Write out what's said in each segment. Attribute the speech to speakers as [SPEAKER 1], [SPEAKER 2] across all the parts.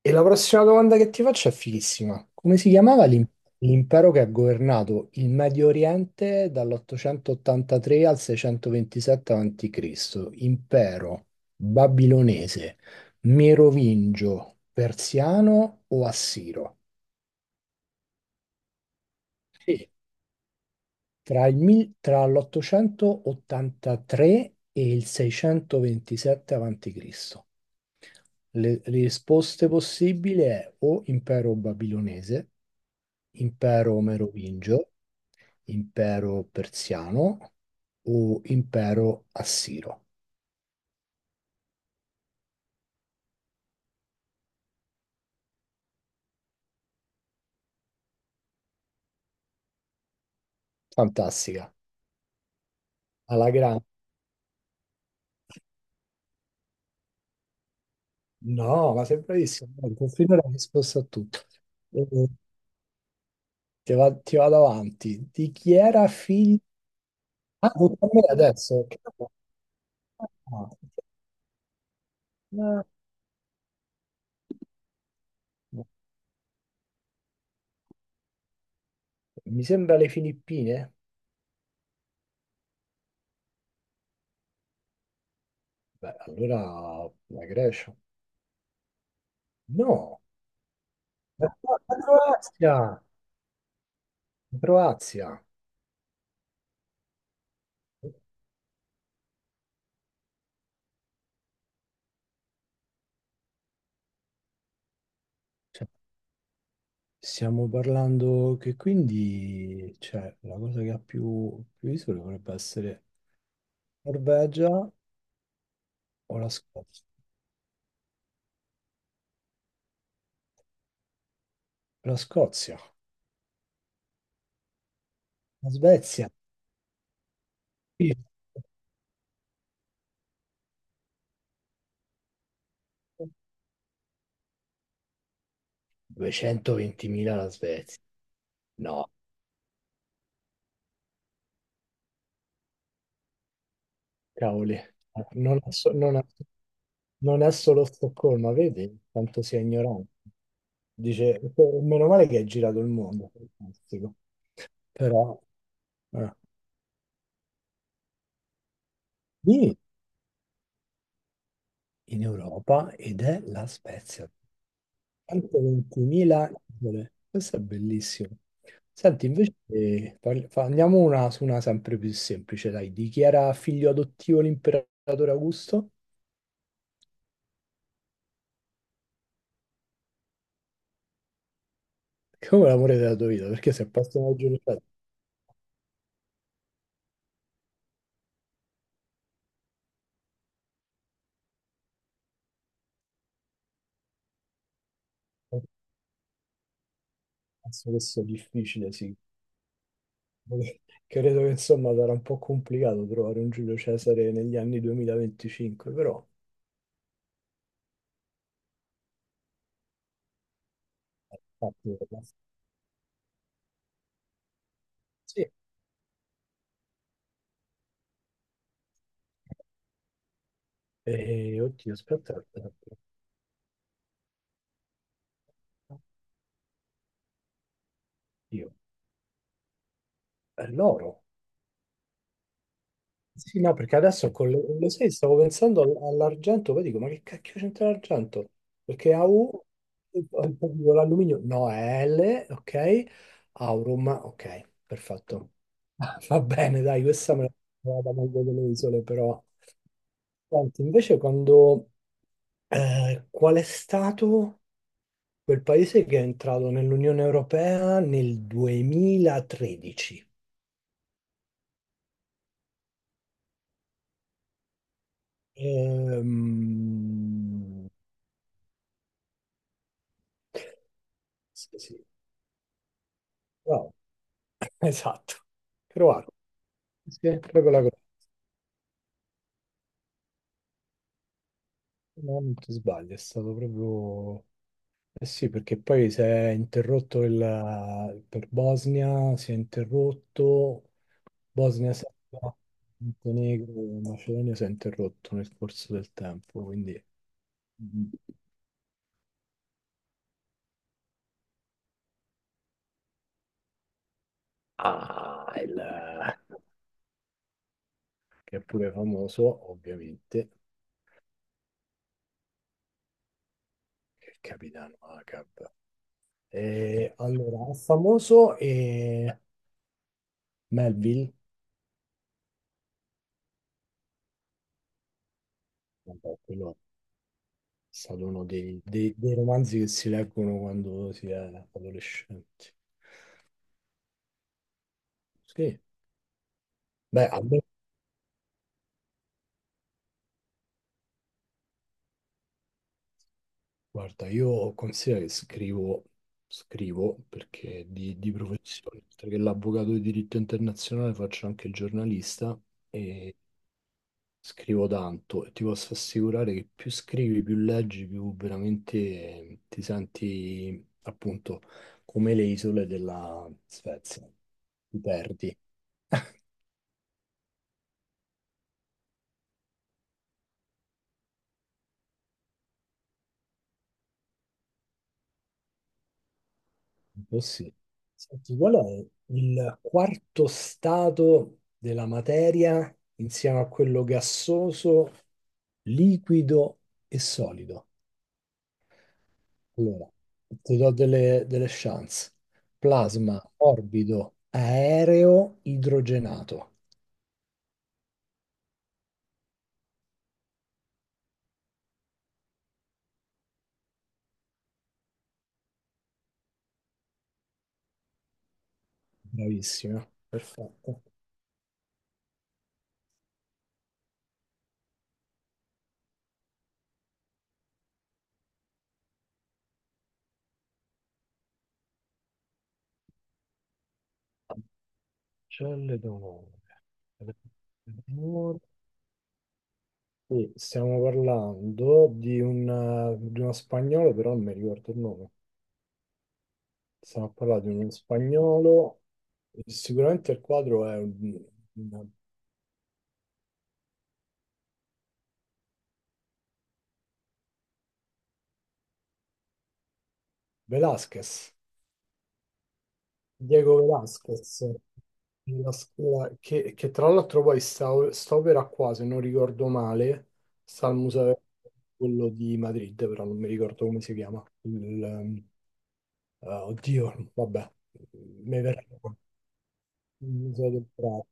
[SPEAKER 1] E la prossima domanda che ti faccio è fighissima. Come si chiamava l'impero che ha governato il Medio Oriente dall'883 al 627 a.C.? Impero babilonese, merovingio, persiano o assiro? Sì. Tra l'883 e il 627 a.C. Le risposte possibili è o impero babilonese, impero merovingio, impero persiano o impero assiro. Fantastica. Alla grande. No, ma sei bravissimo. Guarda, finora hai risposto a tutto. Eh. Ti vado avanti. Di chi era figlio? Ah, tocca a me adesso. Ah, ah, no. Mi sembra le Filippine. Beh, allora la Grecia. No. La Croazia, la Croazia. Cioè, stiamo parlando che quindi, cioè, la cosa che ha più isole dovrebbe essere Norvegia o la Scozia? La Scozia, la Svezia. Sì. 220.000 la Svezia. No, cavoli, non è, so- non è- non è solo Stoccolma, vedi quanto sia ignorante. Dice, meno male che hai girato il mondo, fantastico. Però, eh. Dimmi, in Europa ed è la Svezia. 120.000 isole. Questo è bellissimo. Senti, invece andiamo su una sempre più semplice, dai. Di chi era figlio adottivo l'imperatore Augusto? Come l'amore della tua vita? Perché se passa una giornata, penso che sia difficile, sì. Credo che insomma sarà un po' complicato trovare un Giulio Cesare negli anni 2025, però... Sì. Oddio, aspetta, aspetta. Io. È l'oro. Sì, no, perché adesso con le, lo sai, stavo pensando all'argento, poi dico, ma che cacchio c'entra l'argento? Perché AU, poi dico, l'alluminio, no, è L, ok, aurum, ok, perfetto. Va bene, dai, questa me la vado meglio delle isole, però. Senti, invece quando, qual è stato quel paese che è entrato nell'Unione Europea nel 2013? Ehm, sì, sì. Esatto, croato, sì, è proprio la Croazia, no, non ti sbagli, è stato proprio... Eh sì, perché poi si è interrotto il... per Bosnia, si è interrotto, Bosnia, Serbia, Montenegro, Macedonia si è interrotto nel corso del tempo, quindi... Mm. Ah, il... che è pure famoso, ovviamente, il capitano Ahab. E, allora, famoso e Melville, vabbè, quello stato uno dei romanzi che si leggono quando si è adolescenti. Sì, beh, guarda, io considero che scrivo, scrivo perché di professione, oltre che l'avvocato di diritto internazionale faccio anche il giornalista e scrivo tanto e ti posso assicurare che più scrivi, più leggi, più veramente ti senti appunto come le isole della Svezia, ti perdi. Un po' sì. Senti, qual è il quarto stato della materia insieme a quello gassoso, liquido e solido? Allora, ti do delle chance. Plasma, morbido, aereo, idrogenato. Bravissima, perfetto. Ancelle d'onore. D'onore. Sì, stiamo parlando di uno spagnolo, però non mi ricordo il nome. Stiamo a parlare di uno spagnolo. Sicuramente il quadro è un Velázquez, Diego Velázquez, della scuola- che tra l'altro poi sta opera qua, se non ricordo male, sta al museo quello di Madrid, però non mi ricordo come si chiama. Il, ah, oddio, vabbè, mi verrà il museo del Prado.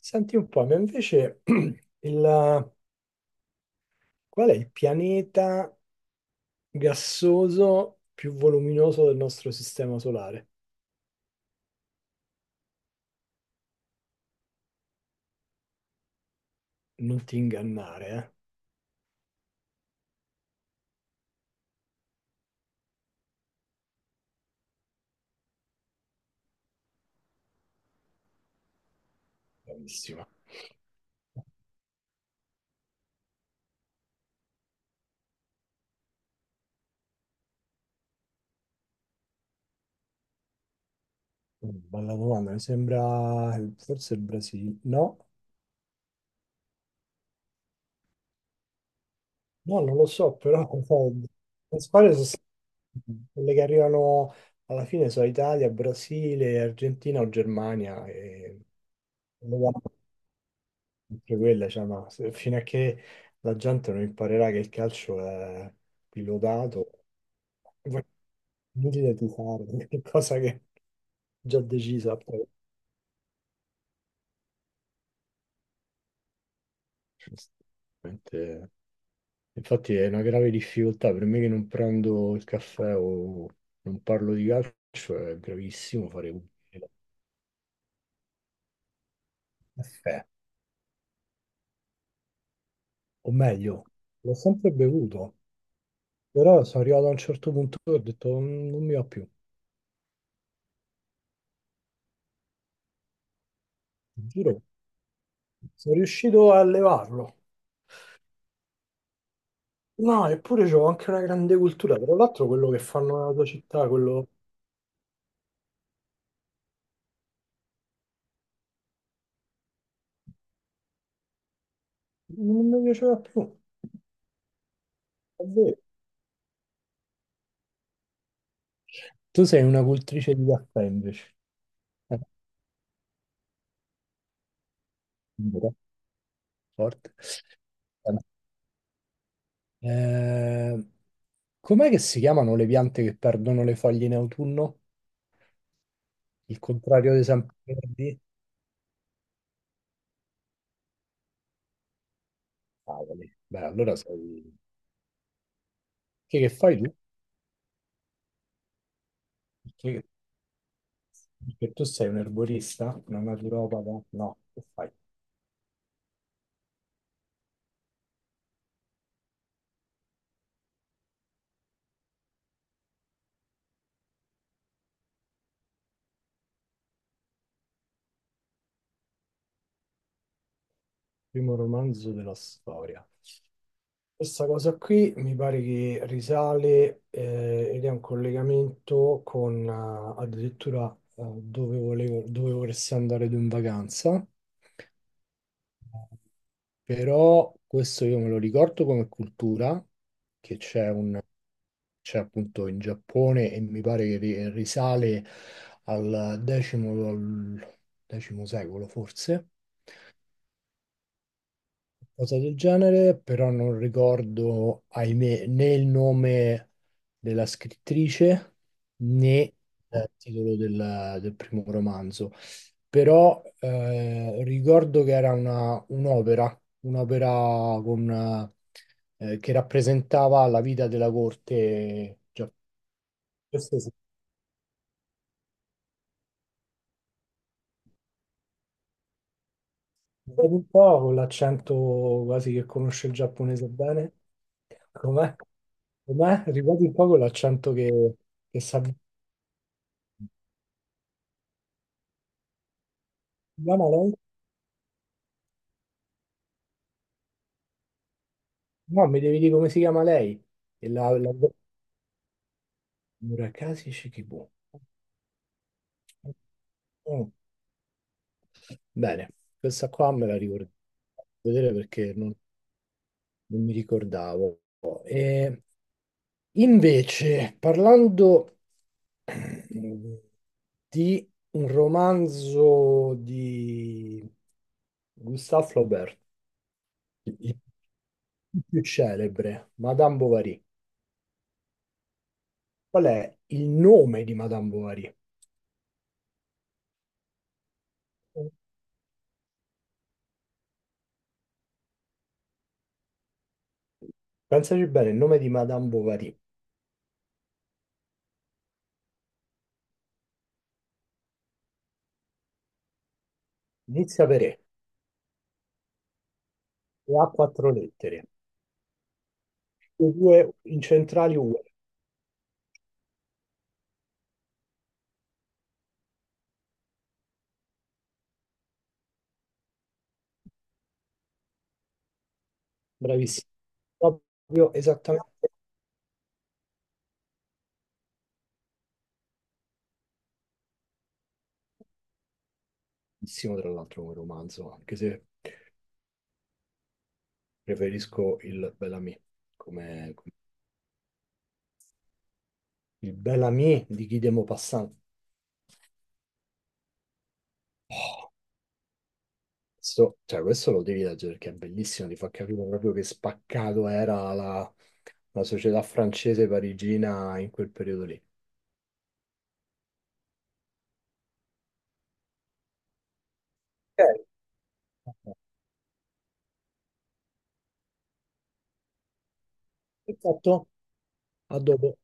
[SPEAKER 1] Senti un po', ma invece il, qual è il pianeta gassoso più voluminoso del nostro sistema solare? Non ti ingannare, eh. Bravissima. Bella domanda, mi sembra forse il Brasile. No, no, non lo so, però so- le squadre sono quelle che arrivano alla fine sono Italia, Brasile, Argentina o Germania e le guardo sempre quella, cioè, ma fino a che la gente non imparerà che il calcio è pilotato, è inutile tifare, è qualcosa che già decisa. Giustamente. Infatti è una grave difficoltà per me che non prendo il caffè o non parlo di calcio, è gravissimo fare pubblica. Caffè. O meglio, l'ho sempre bevuto, però sono arrivato a un certo punto e ho detto "Mm, non mi va più, giuro, sono riuscito a levarlo." No, eppure c'ho anche una grande cultura, tra l'altro quello che fanno nella tua città, quello non mi piaceva più, è vero. Tu sei una cultrice di caffè invece. Eh, Forte. Eh, com'è che si chiamano le piante che perdono le foglie in autunno? Il contrario dei sempreverdi? Cavoli. Beh, allora sei... Che fai tu? Perché, perché tu sei un erborista, una naturopata? No, no, che fai? Primo romanzo della storia. Questa cosa qui mi pare che risale ed è un collegamento con addirittura dove volevo, dove vorresti andare tu in vacanza. Però questo io me lo ricordo come cultura, che c'è appunto in Giappone e mi pare che risale al X secolo forse, cosa del genere, però non ricordo, ahimè, né il nome della scrittrice né il titolo del primo romanzo. Però ricordo che era un'opera, un'opera con, che rappresentava la vita della corte. Questo sì. Vedi un po' con l'accento quasi che conosce il giapponese bene. Com'è? Com'è? Ripeti un po' con l'accento che sa. Chiama lei? No, mi devi dire come si chiama lei. E la, la... Murakami Shikibu. Mm. Bene, questa qua me la ricordo. Vedere perché non mi ricordavo. E invece, parlando di un romanzo di Gustave Flaubert, il più celebre, Madame Bovary. Qual è il nome di Madame Bovary? Pensaci bene, il nome di Madame Bovary inizia per E e ha quattro lettere, le due incentrali UE, bravissimo, proprio esattamente bravissimo tra l'altro come romanzo, anche se preferisco il Bellamy, come, come- il Bellamy di Guy de Maupassant. Questo, cioè, questo lo devi leggere perché è bellissimo, ti fa capire proprio che spaccato era la società francese parigina in quel periodo lì. Ok, perfetto, a dopo.